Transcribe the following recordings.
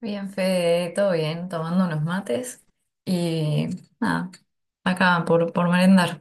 Bien, Fede, todo bien, tomando unos mates y nada, acá por merendar.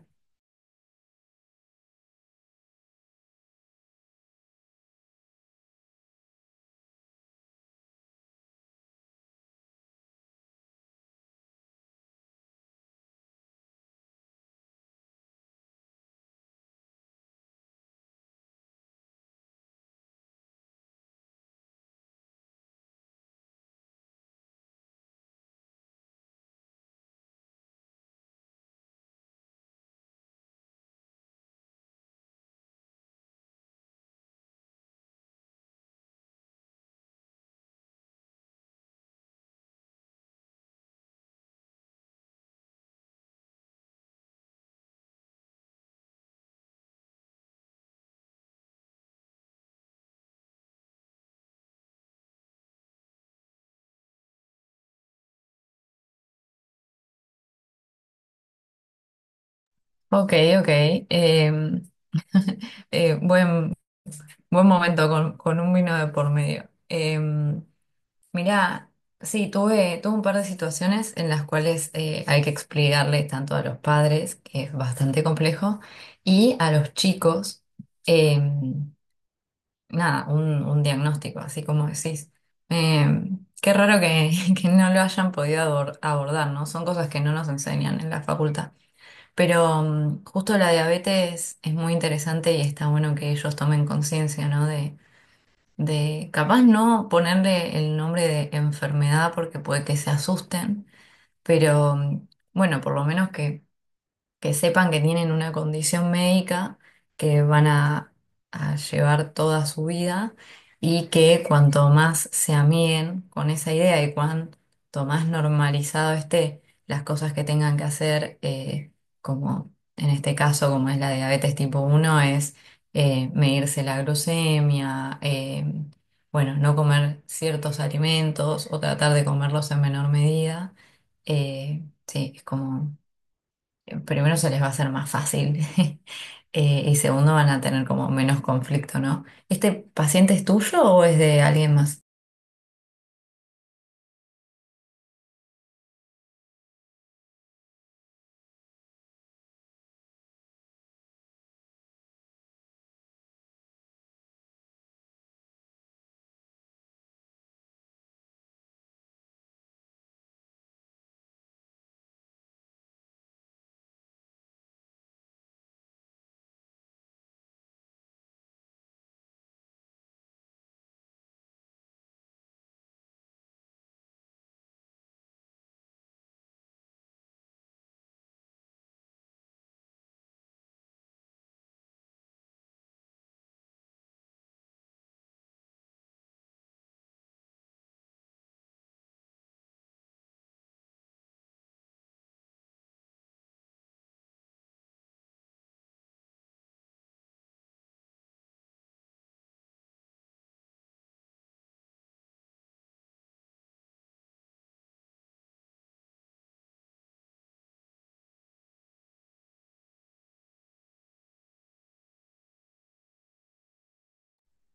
Ok, ok. em, eh, buen, buen momento con un vino de por medio. Mirá, sí, tuve un par de situaciones en las cuales hay que explicarle tanto a los padres, que es bastante complejo, y a los chicos. em, nada, un diagnóstico, así como decís. Eh, qué raro que, que no lo hayan podido abordar, ¿no? Son cosas que no nos enseñan en la facultad. Pero mm, justo la diabetes es muy interesante y está bueno que ellos tomen conciencia, ¿no? De capaz no ponerle el nombre de enfermedad porque puede que se asusten, pero mm, bueno, por lo menos que sepan que tienen una condición médica que van a llevar toda su vida y que cuanto más se amiguen con esa idea y cuanto más normalizado esté las cosas que tengan que hacer, como en este caso, como es la diabetes tipo uno es medirse la glucemia, bueno, no comer ciertos alimentos o tratar de comerlos en menor medida. Sí, es como primero se les va a hacer más fácil y segundo van a tener como menos conflicto, ¿no? ¿Este paciente es tuyo o es de alguien más?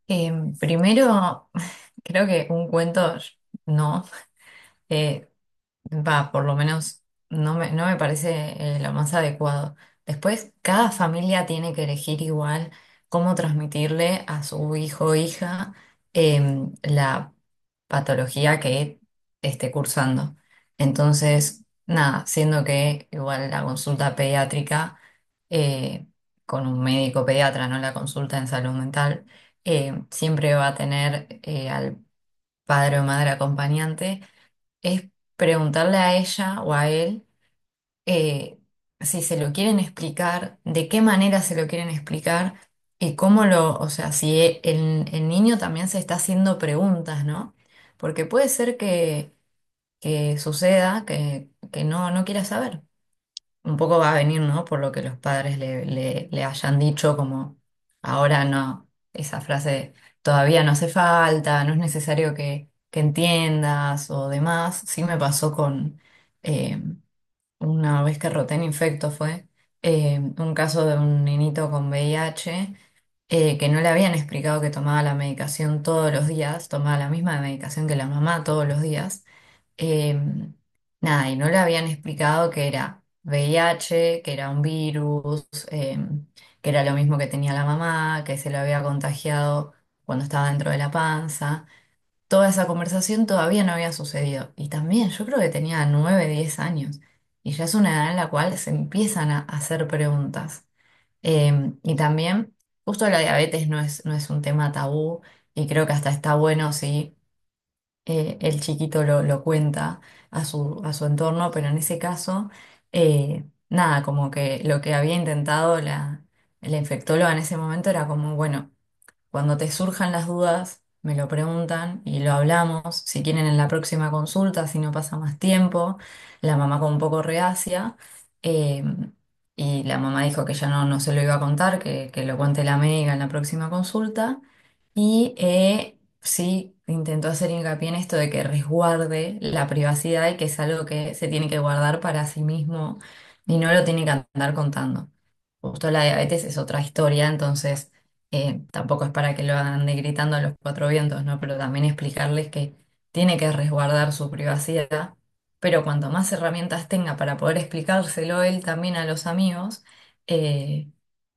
Eh, primero, creo que un cuento no. Eh, Va, por lo menos no me parece lo más adecuado. Después, cada familia tiene que elegir igual cómo transmitirle a su hijo o hija la patología que esté cursando. Entonces, nada, siendo que igual la consulta pediátrica eh, con un médico pediatra, no la consulta en salud mental, siempre va a tener al padre o madre acompañante es preguntarle a ella o a él, eh, si se lo quieren explicar, de qué manera se lo quieren explicar y cómo lo, o sea, si el niño también se está haciendo preguntas, ¿no? Porque puede ser que suceda que no, no quiera saber un poco va a venir, ¿no? Por lo que los padres le hayan dicho, como ahora no, esa frase todavía no hace falta, no es necesario que entiendas o demás. Sí me pasó con eh, una vez que roté en infecto fue un caso de un nenito con VIH. Que no le habían explicado que tomaba la medicación todos los días, tomaba la misma medicación que la mamá todos los días, eh, nada, y no le habían explicado que era V I H, que era un virus, eh, que era lo mismo que tenía la mamá, que se lo había contagiado cuando estaba dentro de la panza. Toda esa conversación todavía no había sucedido. Y también yo creo que tenía 9 10 años. Y ya es una edad en la cual se empiezan a hacer preguntas. Y también, justo la diabetes no es, no es un tema tabú y creo que hasta está bueno, sí, el chiquito lo cuenta a su entorno, pero en ese caso, nada, como que lo que había intentado la infectóloga en ese momento era como, bueno, cuando te surjan las dudas, me lo preguntan y lo hablamos. Si quieren en la próxima consulta, si no pasa más tiempo, la mamá con un poco reacia. eh, y la mamá dijo que ya no, no se lo iba a contar, que lo cuente la médica en la próxima consulta. Y sí, intentó hacer hincapié en esto de que resguarde la privacidad y que es algo que se tiene que guardar para sí mismo y no lo tiene que andar contando. Justo la diabetes es otra historia, entonces tampoco es para que lo ande gritando a los cuatro vientos, ¿no? Pero también explicarles que tiene que resguardar su privacidad, pero cuanto más herramientas tenga para poder explicárselo él también a los amigos, eh,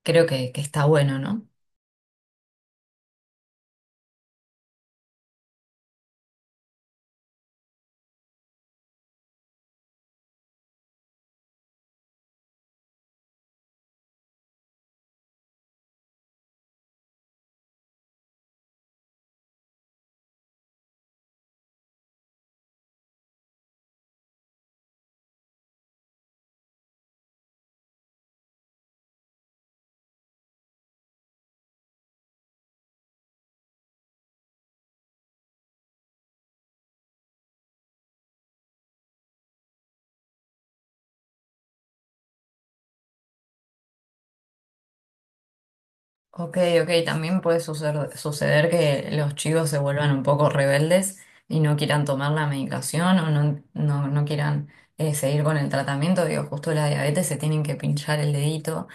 creo que está bueno, ¿no? Ok, ok, también puede suceder que los chicos se vuelvan un poco rebeldes y no quieran tomar la medicación o no, no, no quieran seguir con el tratamiento. Digo, justo la diabetes se tienen que pinchar el dedito,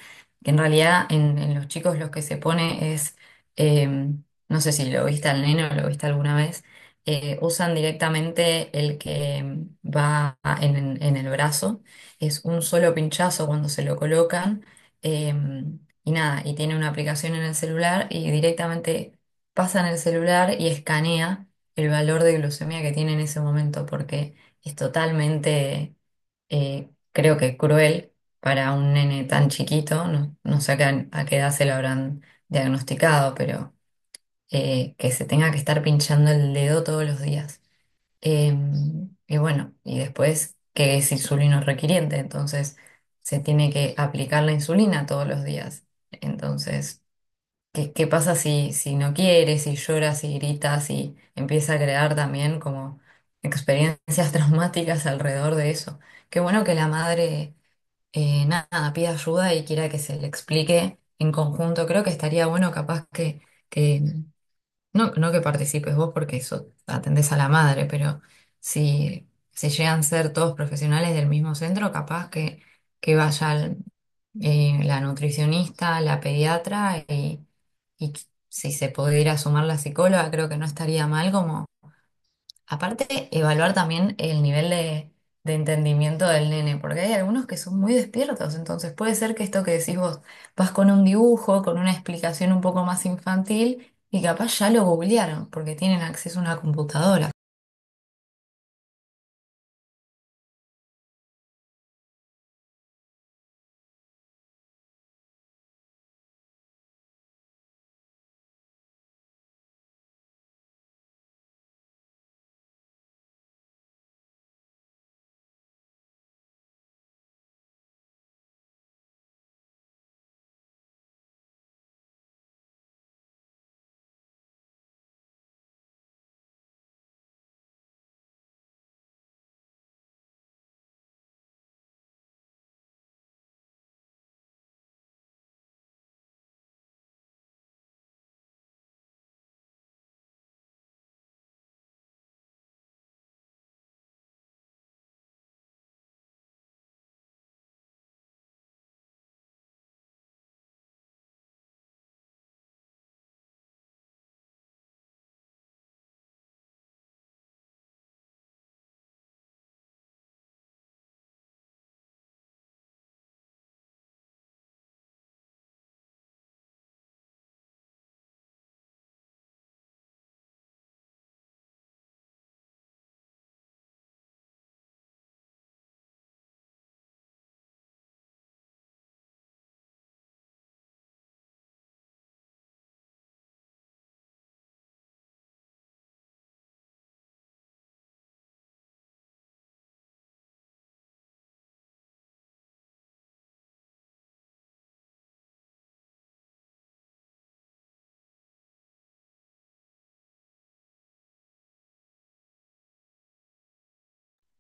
que en realidad en los chicos lo que se pone es, eh, no sé si lo viste al nene o lo viste alguna vez, usan directamente el que va en el brazo, es un solo pinchazo cuando se lo colocan. Y nada, y tiene una aplicación en el celular y directamente pasa en el celular y escanea el valor de glucemia que tiene en ese momento, porque es totalmente, creo que cruel para un nene tan chiquito, no, no sé a qué edad se lo habrán diagnosticado, pero que se tenga que estar pinchando el dedo todos los días. Eh, y bueno, y después que es insulino requiriente, entonces se tiene que aplicar la insulina todos los días. Entonces, ¿qué, qué pasa si, si no quieres si lloras si gritas si empieza a crear también como experiencias traumáticas alrededor de eso? Qué bueno que la madre, nada, pida ayuda y quiera que se le explique en conjunto. Creo que estaría bueno capaz que... No, no que participes vos porque eso atendés a la madre, pero si, si llegan a ser todos profesionales del mismo centro, capaz que vayan la nutricionista, la pediatra y si se pudiera sumar la psicóloga, creo que no estaría mal. Como aparte, evaluar también el nivel de entendimiento del nene, porque hay algunos que son muy despiertos, entonces puede ser que esto que decís vos, vas con un dibujo, con una explicación un poco más infantil, y capaz ya lo googlearon, porque tienen acceso a una computadora.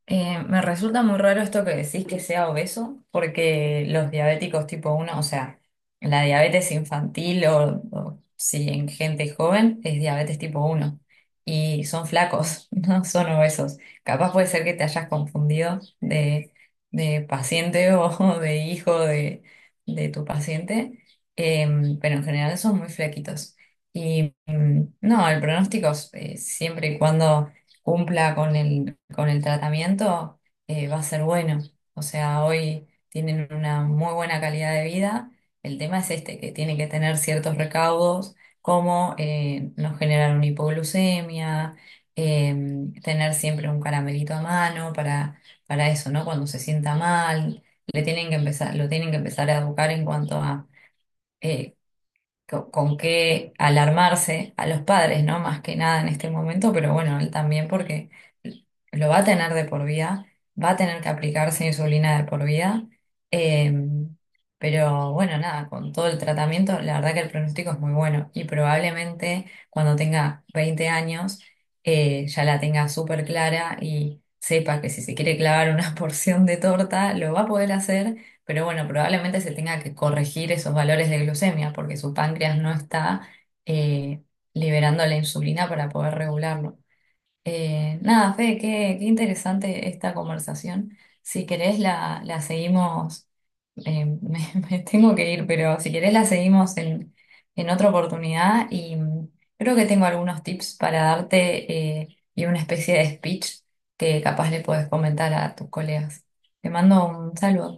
Me resulta muy raro esto que decís que sea obeso, porque los diabéticos tipo uno o sea, la diabetes infantil o si en gente joven es diabetes tipo uno y son flacos, no son obesos. Capaz puede ser que te hayas confundido de paciente o de hijo de tu paciente, pero en general son muy flaquitos. Y mm, no, el pronóstico es, siempre y cuando cumpla con el tratamiento va a ser bueno. O sea, hoy tienen una muy buena calidad de vida. El tema es este, que tiene que tener ciertos recaudos, como no generar una hipoglucemia, eh, tener siempre un caramelito a mano para eso, ¿no? Cuando se sienta mal, le tienen que empezar, lo tienen que empezar a educar en cuanto a... eh, qué alarmarse a los padres, ¿no? Más que nada en este momento, pero bueno, él también porque lo va a tener de por vida, va a tener que aplicarse insulina de por vida, eh, pero bueno, nada, con todo el tratamiento, la verdad que el pronóstico es muy bueno y probablemente cuando tenga 20 años ya la tenga súper clara y sepa que si se quiere clavar una porción de torta, lo va a poder hacer, pero bueno, probablemente se tenga que corregir esos valores de glucemia porque su páncreas no está eh, liberando la insulina para poder regularlo. Nada, Fede, qué, qué interesante esta conversación. Si querés la, la seguimos, eh, me, me tengo que ir, pero si querés la seguimos en otra oportunidad y mm, creo que tengo algunos tips para darte y una especie de speech que capaz le podés comentar a tus colegas. Te mando un saludo.